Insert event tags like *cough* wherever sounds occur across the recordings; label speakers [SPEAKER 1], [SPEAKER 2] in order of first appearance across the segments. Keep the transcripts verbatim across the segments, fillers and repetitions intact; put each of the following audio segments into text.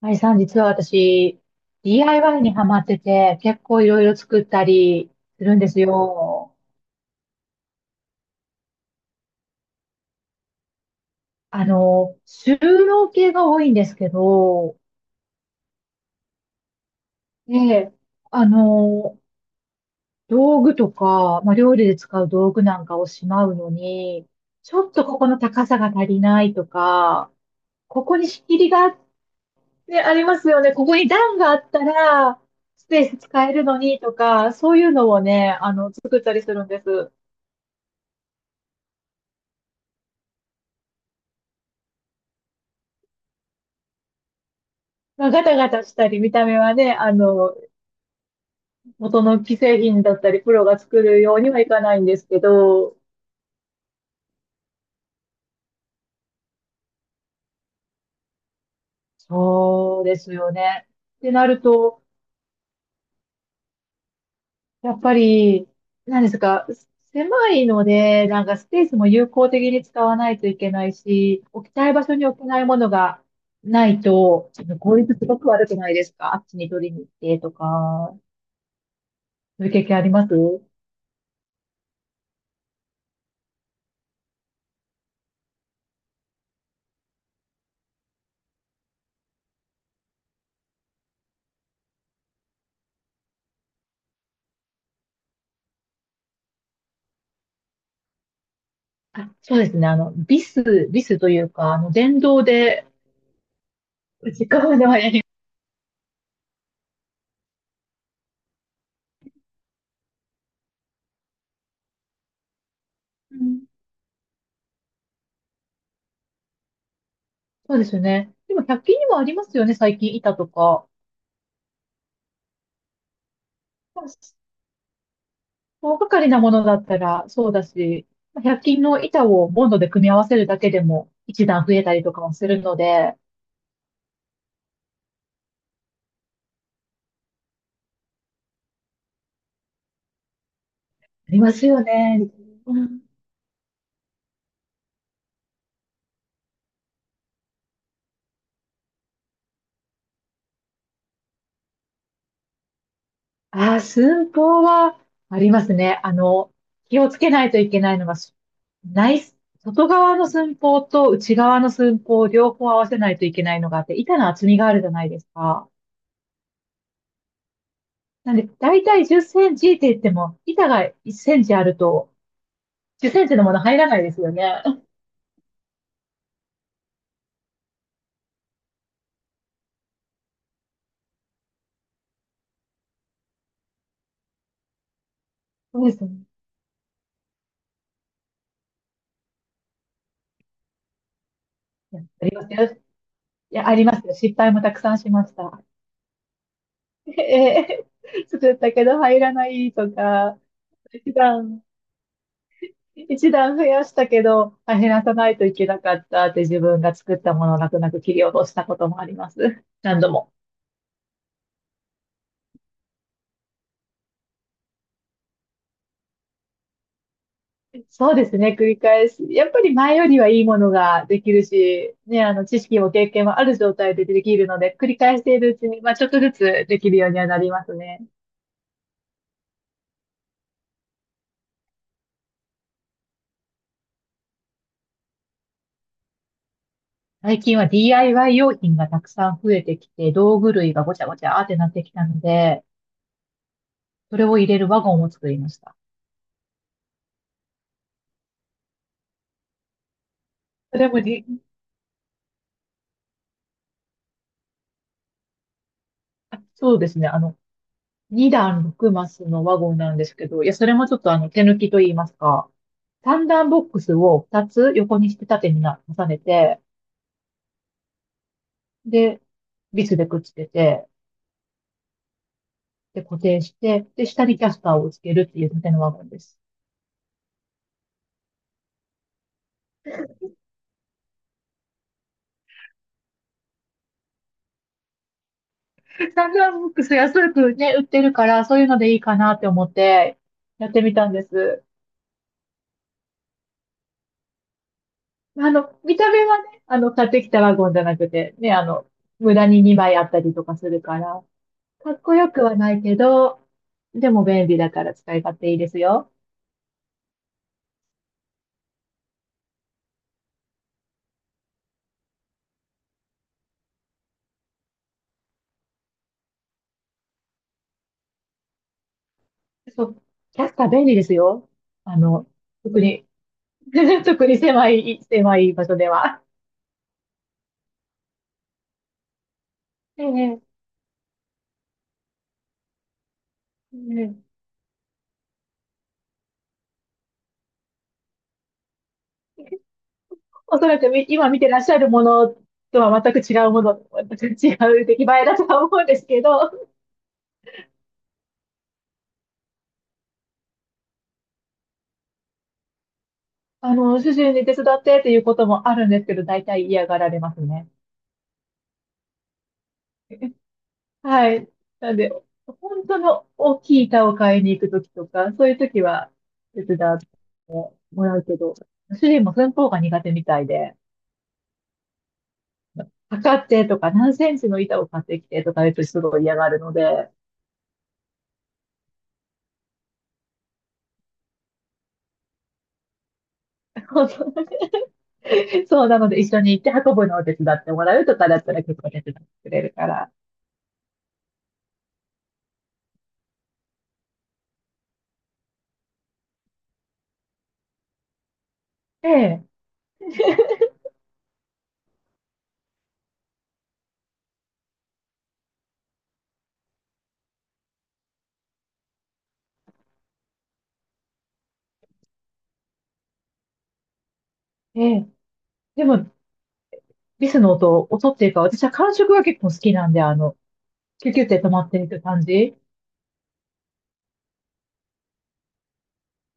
[SPEAKER 1] あいさん、実は私、ディーアイワイ にハマってて、結構いろいろ作ったりするんですよ。あの、収納系が多いんですけど、で、あの、道具とか、まあ、料理で使う道具なんかをしまうのに、ちょっとここの高さが足りないとか、ここに仕切りがあってありますよね。ここに段があったら、スペース使えるのにとか、そういうのをね、あの、作ったりするんです。まあ、ガタガタしたり、見た目はね、あの、元の既製品だったり、プロが作るようにはいかないんですけど、そうですよね。ってなると、やっぱり、何ですか、狭いので、なんかスペースも有効的に使わないといけないし、置きたい場所に置けないものがないと、あの効率すごく悪くないですか？あっちに取りに行ってとか、そういう経験あります？あ、そうですね。あの、ビス、ビスというか、あの、電動で、時間はね。うん、そうですよね。でも百均にもありますよね、最近板とか。まあ、大掛かりなものだったらそうだし、まあひゃく均の板をボンドで組み合わせるだけでも一段増えたりとかもするので、ありますよね。うん。ああ、寸法はありますね。あの、気をつけないといけないのが、す内、外側の寸法と内側の寸法を両方合わせないといけないのがあって、板の厚みがあるじゃないですか。なんで、だいたいじゅっセンチって言っても、板がいっセンチあると、じゅっセンチのもの入らないですよね。*laughs* そうですね。いや、ありますよ。いや、ありますよ。失敗もたくさんしました。*laughs* ええ、作ったけど入らないとか、一段、一段増やしたけど、あ、減らさないといけなかったって自分が作ったものを泣く泣く切り落としたこともあります。何度も。そうですね、繰り返し。やっぱり前よりはいいものができるし、ね、あの、知識も経験もある状態でできるので、繰り返しているうちに、まあ、ちょっとずつできるようにはなりますね。最近は ディーアイワイ 用品がたくさん増えてきて、道具類がごちゃごちゃーってなってきたので、それを入れるワゴンを作りました。それもり、あそうですね、あの、に段ろくマスのワゴンなんですけど、いや、それもちょっとあの、手抜きと言いますか、さん段ボックスをふたつ横にして縦にな重ねて、で、ビスでくっつけて、で、固定して、で、下にキャスターをつけるっていう縦のワゴンです。サンドラブックス安くね、売ってるから、そういうのでいいかなって思って、やってみたんです。あの、見た目はね、あの、買ってきたワゴンじゃなくて、ね、あの、無駄ににまいあったりとかするから、かっこよくはないけど、でも便利だから使い勝手いいですよ。そう、キャスター便利ですよ。あの、特に、*laughs* 特に狭い、狭い場所では。ええ、うん、おそらくみ今見てらっしゃるものとは全く違うもの、全く違う出来栄えだとは思うんですけど、あの、主人に手伝ってっていうこともあるんですけど、大体嫌がられますね。はい。なんで、本当の大きい板を買いに行くときとか、そういうときは手伝ってもらうけど、主人も寸法が苦手みたいで、測ってとか何センチの板を買ってきてとか言うとすごい嫌がるので、*laughs* そうなので、一緒に行って運ぶのを手伝ってもらうとかだったら結構手伝ってくれるから。ええ、ええ。でも、リスの音、音っていうか、私は感触が結構好きなんで、あの、キュキュって止まっていく感じ。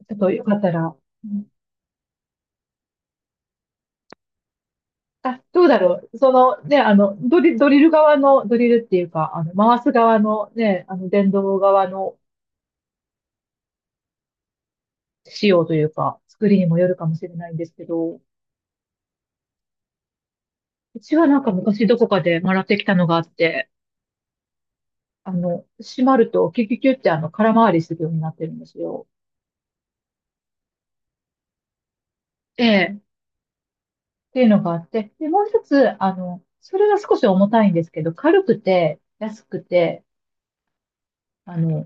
[SPEAKER 1] ちょっとよかったら。うん、あ、どうだろう。そのね、あの、ドリ、ドリル側の、ドリルっていうか、あの、回す側のね、あの、電動側の仕様というか、作りにもよるかもしれないんですけど、うちはなんか昔どこかで習ってきたのがあって、あの、閉まるとキュキュキュって、あの、空回りするようになってるんですよ。ええ。っていうのがあって、で、もう一つ、あの、それが少し重たいんですけど、軽くて、安くて、あの、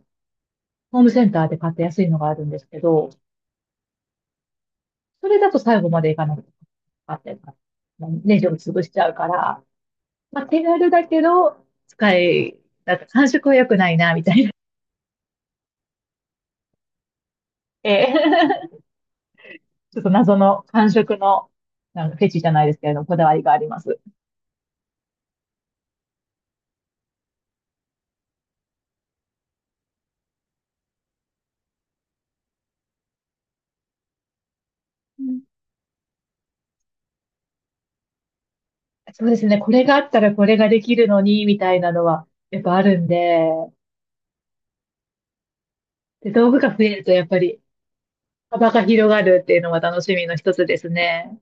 [SPEAKER 1] ホームセンターで買って安いのがあるんですけど、それだと最後までいかなくて買って、まあネジを潰しちゃうから、まあ、手軽だけど、使い、なんか感触は良くないな、みたいな。*laughs* ええ、ちょっと謎の感触の、なんかフェチじゃないですけれども、こだわりがあります。そうですね。これがあったらこれができるのに、みたいなのは、やっぱあるんで、で、道具が増えると、やっぱり幅が広がるっていうのは楽しみの一つですね。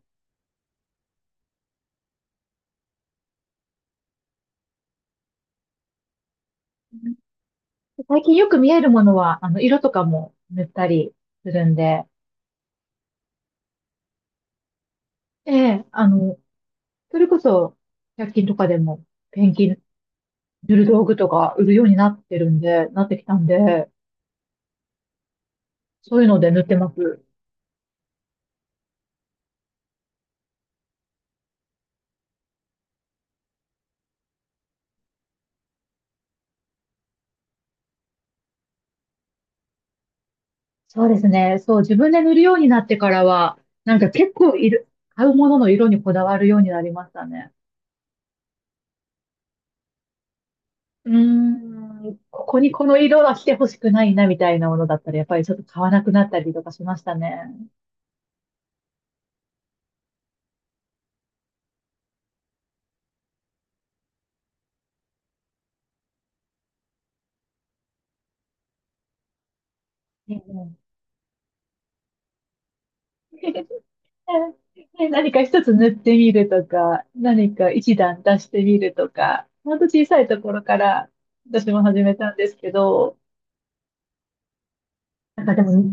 [SPEAKER 1] 最近よく見えるものは、あの、色とかも塗ったりするんで、ええ、あの、それこそ、百均とかでも、ペンキ塗る道具とか売るようになってるんで、なってきたんで、そういうので塗ってます。そうですね。そう、自分で塗るようになってからは、なんか結構いる、買うものの色にこだわるようになりましたね。うーん、ここにこの色は来てほしくないなみたいなものだったら、やっぱりちょっと買わなくなったりとかしましたね。ええ。 *laughs*、ね、何か一つ塗ってみるとか、何か一段出してみるとか、ほんと小さいところから私も始めたんですけど、なんかでも、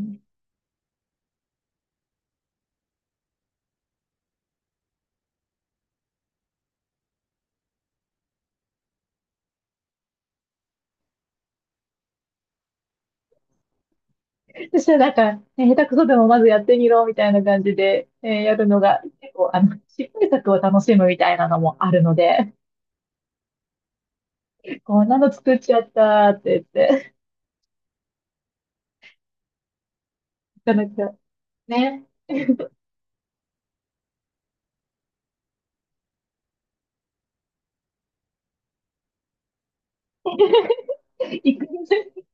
[SPEAKER 1] そしたらなんか、ね、下手くそでもまずやってみろみたいな感じで、えーやるのが結構、あの、失敗作を楽しむみたいなのもあるので、こんなの作っちゃったって言って、なかなかね。*laughs* 行く。*laughs*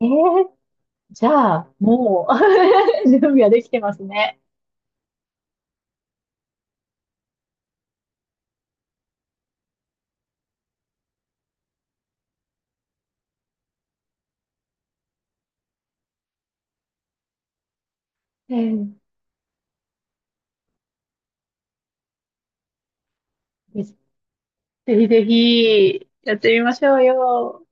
[SPEAKER 1] えー、じゃあ、もう *laughs* 準備はできてますね。えー、ぜひぜひ、やってみましょうよ。